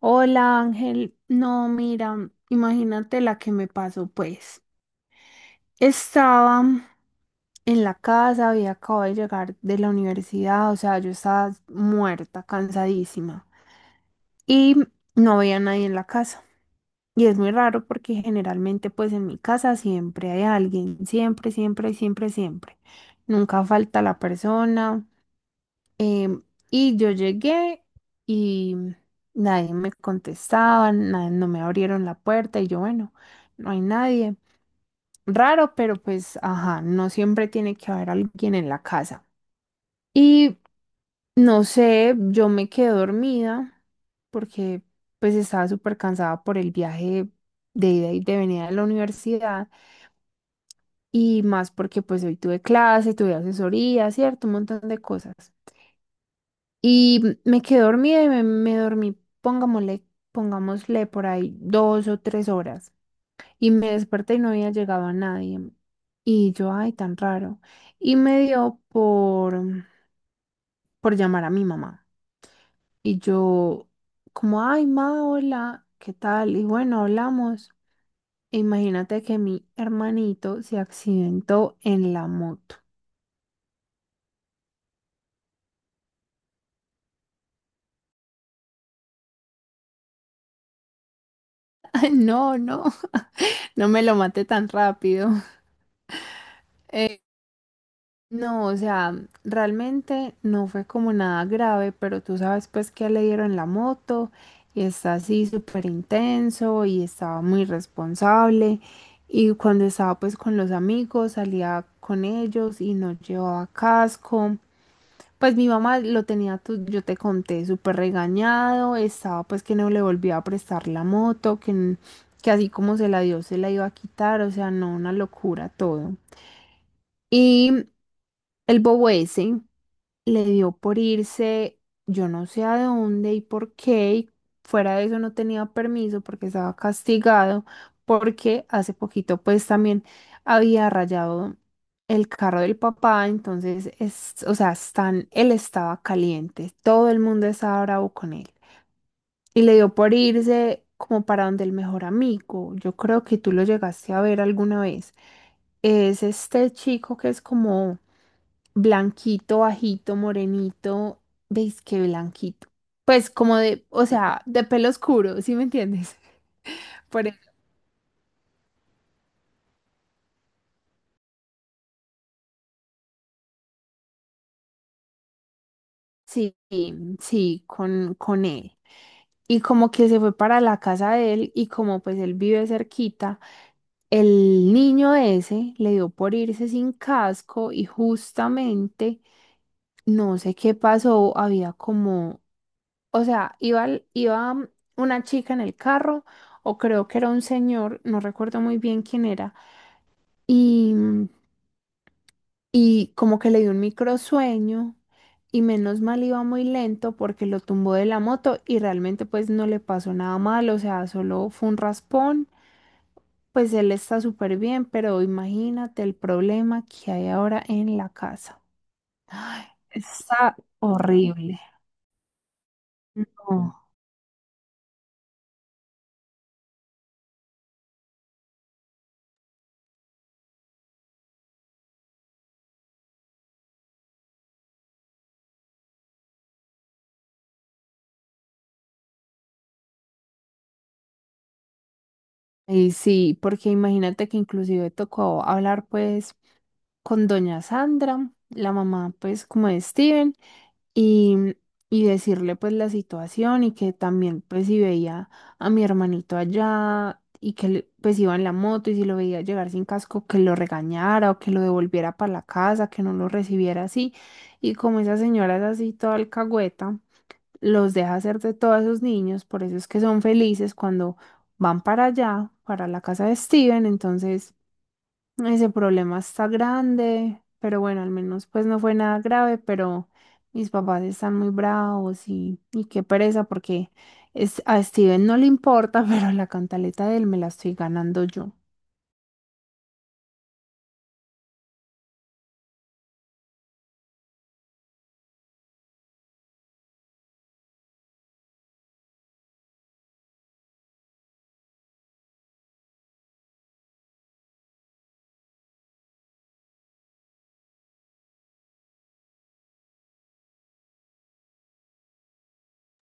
Hola Ángel, no, mira, imagínate la que me pasó, pues. Estaba en la casa, había acabado de llegar de la universidad, o sea, yo estaba muerta, cansadísima y no había nadie en la casa. Y es muy raro porque generalmente pues en mi casa siempre hay alguien, siempre, siempre, siempre, siempre. Nunca falta la persona. Em, y yo llegué y nadie me contestaba, no me abrieron la puerta y yo, bueno, no hay nadie. Raro, pero pues, ajá, no siempre tiene que haber alguien en la casa. Y no sé, yo me quedé dormida porque pues estaba súper cansada por el viaje de ida y de venida de la universidad y más porque pues hoy tuve clase, tuve asesoría, cierto, un montón de cosas. Y me quedé dormida y me dormí, pongámosle por ahí 2 o 3 horas. Y me desperté y no había llegado a nadie. Y yo, ay, tan raro. Y me dio por llamar a mi mamá. Y yo, como, ay, ma, hola, ¿qué tal? Y bueno, hablamos. E imagínate que mi hermanito se accidentó en la moto. No, no, no me lo maté tan rápido. No, o sea, realmente no fue como nada grave, pero tú sabes pues que le dieron la moto y está así súper intenso y estaba muy responsable y cuando estaba pues con los amigos salía con ellos y no llevaba casco. Pues mi mamá lo tenía, yo te conté, súper regañado, estaba pues que no le volvía a prestar la moto, que así como se la dio, se la iba a quitar, o sea, no, una locura todo. Y el bobo ese le dio por irse, yo no sé a dónde y por qué, y fuera de eso no tenía permiso porque estaba castigado, porque hace poquito pues también había rayado el carro del papá, entonces, es, o sea, están, él estaba caliente, todo el mundo estaba bravo con él. Y le dio por irse como para donde el mejor amigo. Yo creo que tú lo llegaste a ver alguna vez. Es este chico que es como blanquito, bajito, morenito. ¿Veis qué blanquito? Pues como de, o sea, de pelo oscuro, ¿sí me entiendes? Por eso. Sí, sí, con él. Y como que se fue para la casa de él y como pues él vive cerquita, el niño ese le dio por irse sin casco y justamente no sé qué pasó, había como, o sea, iba, iba una chica en el carro o creo que era un señor, no recuerdo muy bien quién era, y y como que le dio un microsueño y menos mal iba muy lento porque lo tumbó de la moto y realmente pues no le pasó nada mal, o sea, solo fue un raspón, pues él está súper bien, pero imagínate el problema que hay ahora en la casa. Está horrible. No. Y sí, porque imagínate que inclusive tocó hablar pues con doña Sandra, la mamá pues como de Steven, y, y decirle pues la situación y que también pues si veía a mi hermanito allá y que pues iba en la moto y si lo veía llegar sin casco que lo regañara o que lo devolviera para la casa, que no lo recibiera así. Y como esa señora es así toda alcahueta, los deja hacer de todos esos niños, por eso es que son felices cuando van para allá, para la casa de Steven, entonces... Ese problema está grande, pero bueno, al menos pues no fue nada grave, pero mis papás están muy bravos y qué pereza porque es, a Steven no le importa, pero la cantaleta de él me la estoy ganando yo.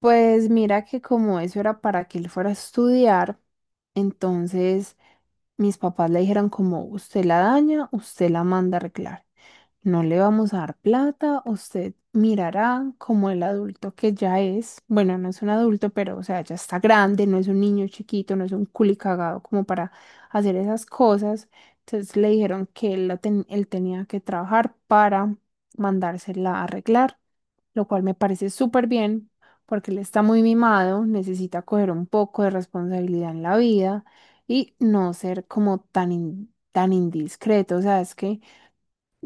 Pues mira que como eso era para que él fuera a estudiar, entonces mis papás le dijeron como usted la daña, usted la manda a arreglar. No le vamos a dar plata, usted mirará como el adulto que ya es. Bueno, no es un adulto, pero o sea, ya está grande, no es un niño chiquito, no es un culicagado como para hacer esas cosas. Entonces le dijeron que él tenía que trabajar para mandársela a arreglar, lo cual me parece súper bien porque él está muy mimado, necesita coger un poco de responsabilidad en la vida y no ser como tan, tan indiscreto. O sea, es que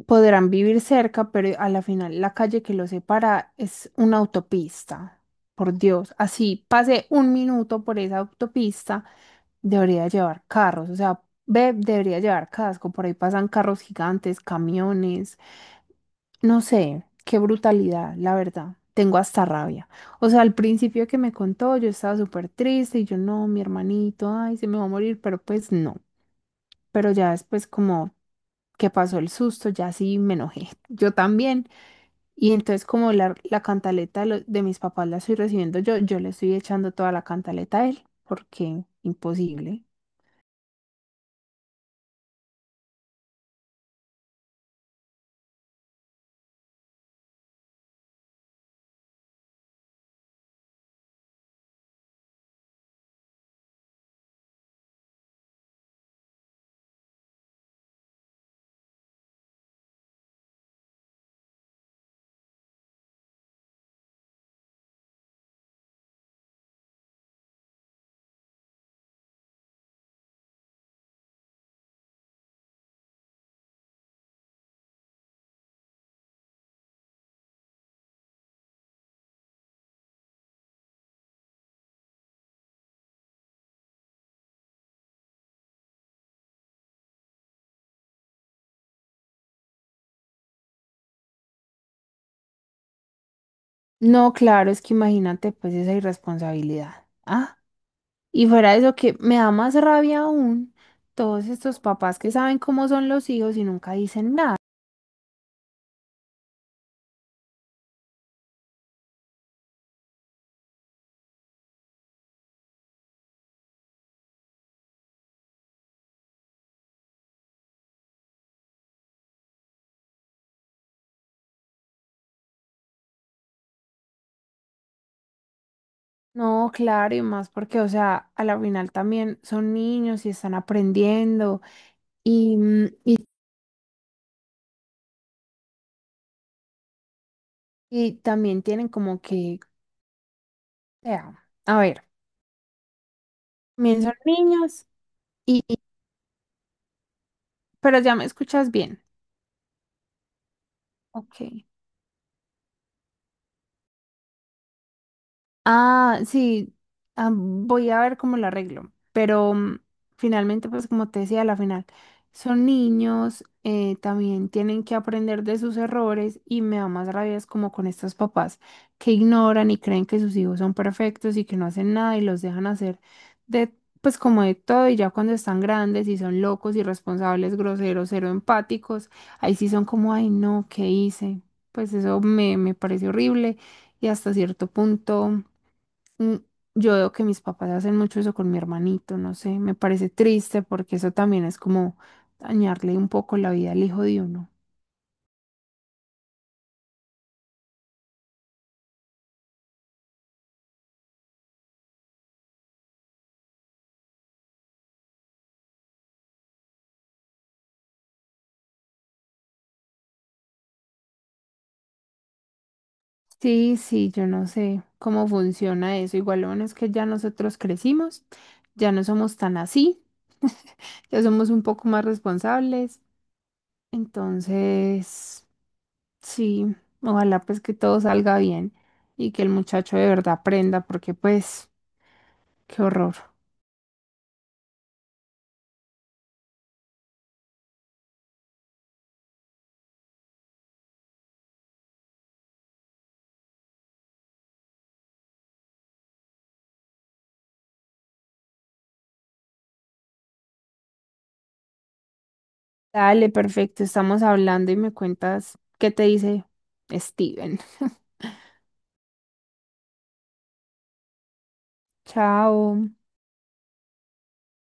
podrán vivir cerca, pero a la final la calle que los separa es una autopista. Por Dios, así pase un minuto por esa autopista, debería llevar carros, o sea, ve, debería llevar casco, por ahí pasan carros gigantes, camiones, no sé, qué brutalidad, la verdad. Tengo hasta rabia. O sea, al principio que me contó, yo estaba súper triste y yo no, mi hermanito, ay, se me va a morir, pero pues no. Pero ya después como que pasó el susto, ya sí me enojé. Yo también. Y entonces como la cantaleta de mis papás la estoy recibiendo yo, yo le estoy echando toda la cantaleta a él, porque imposible. No, claro, es que imagínate pues esa irresponsabilidad. Ah, y fuera de eso que me da más rabia aún todos estos papás que saben cómo son los hijos y nunca dicen nada. No, claro, y más porque, o sea, a la final también son niños y están aprendiendo y, mm, y también tienen como que, o sea, a ver, también son niños. Pero ya me escuchas bien. Ok. Ah, sí, ah, voy a ver cómo lo arreglo, pero finalmente, pues como te decía, a la final son niños, también tienen que aprender de sus errores y me da más rabia es como con estos papás que ignoran y creen que sus hijos son perfectos y que no hacen nada y los dejan hacer de, pues como de todo y ya cuando están grandes y son locos, irresponsables, groseros, cero empáticos, ahí sí son como, ay no, ¿qué hice? Pues eso me parece horrible y hasta cierto punto. Mm, Yo veo que mis papás hacen mucho eso con mi hermanito, no sé, me parece triste porque eso también es como dañarle un poco la vida al hijo de uno. Sí, sí, yo no sé cómo funciona eso. Igual lo bueno es que ya nosotros crecimos, ya no somos tan así, ya somos un poco más responsables. Entonces, sí, ojalá pues que todo salga bien y que el muchacho de verdad aprenda porque pues, qué horror. Dale, perfecto, estamos hablando y me cuentas qué te dice Steven. Chao.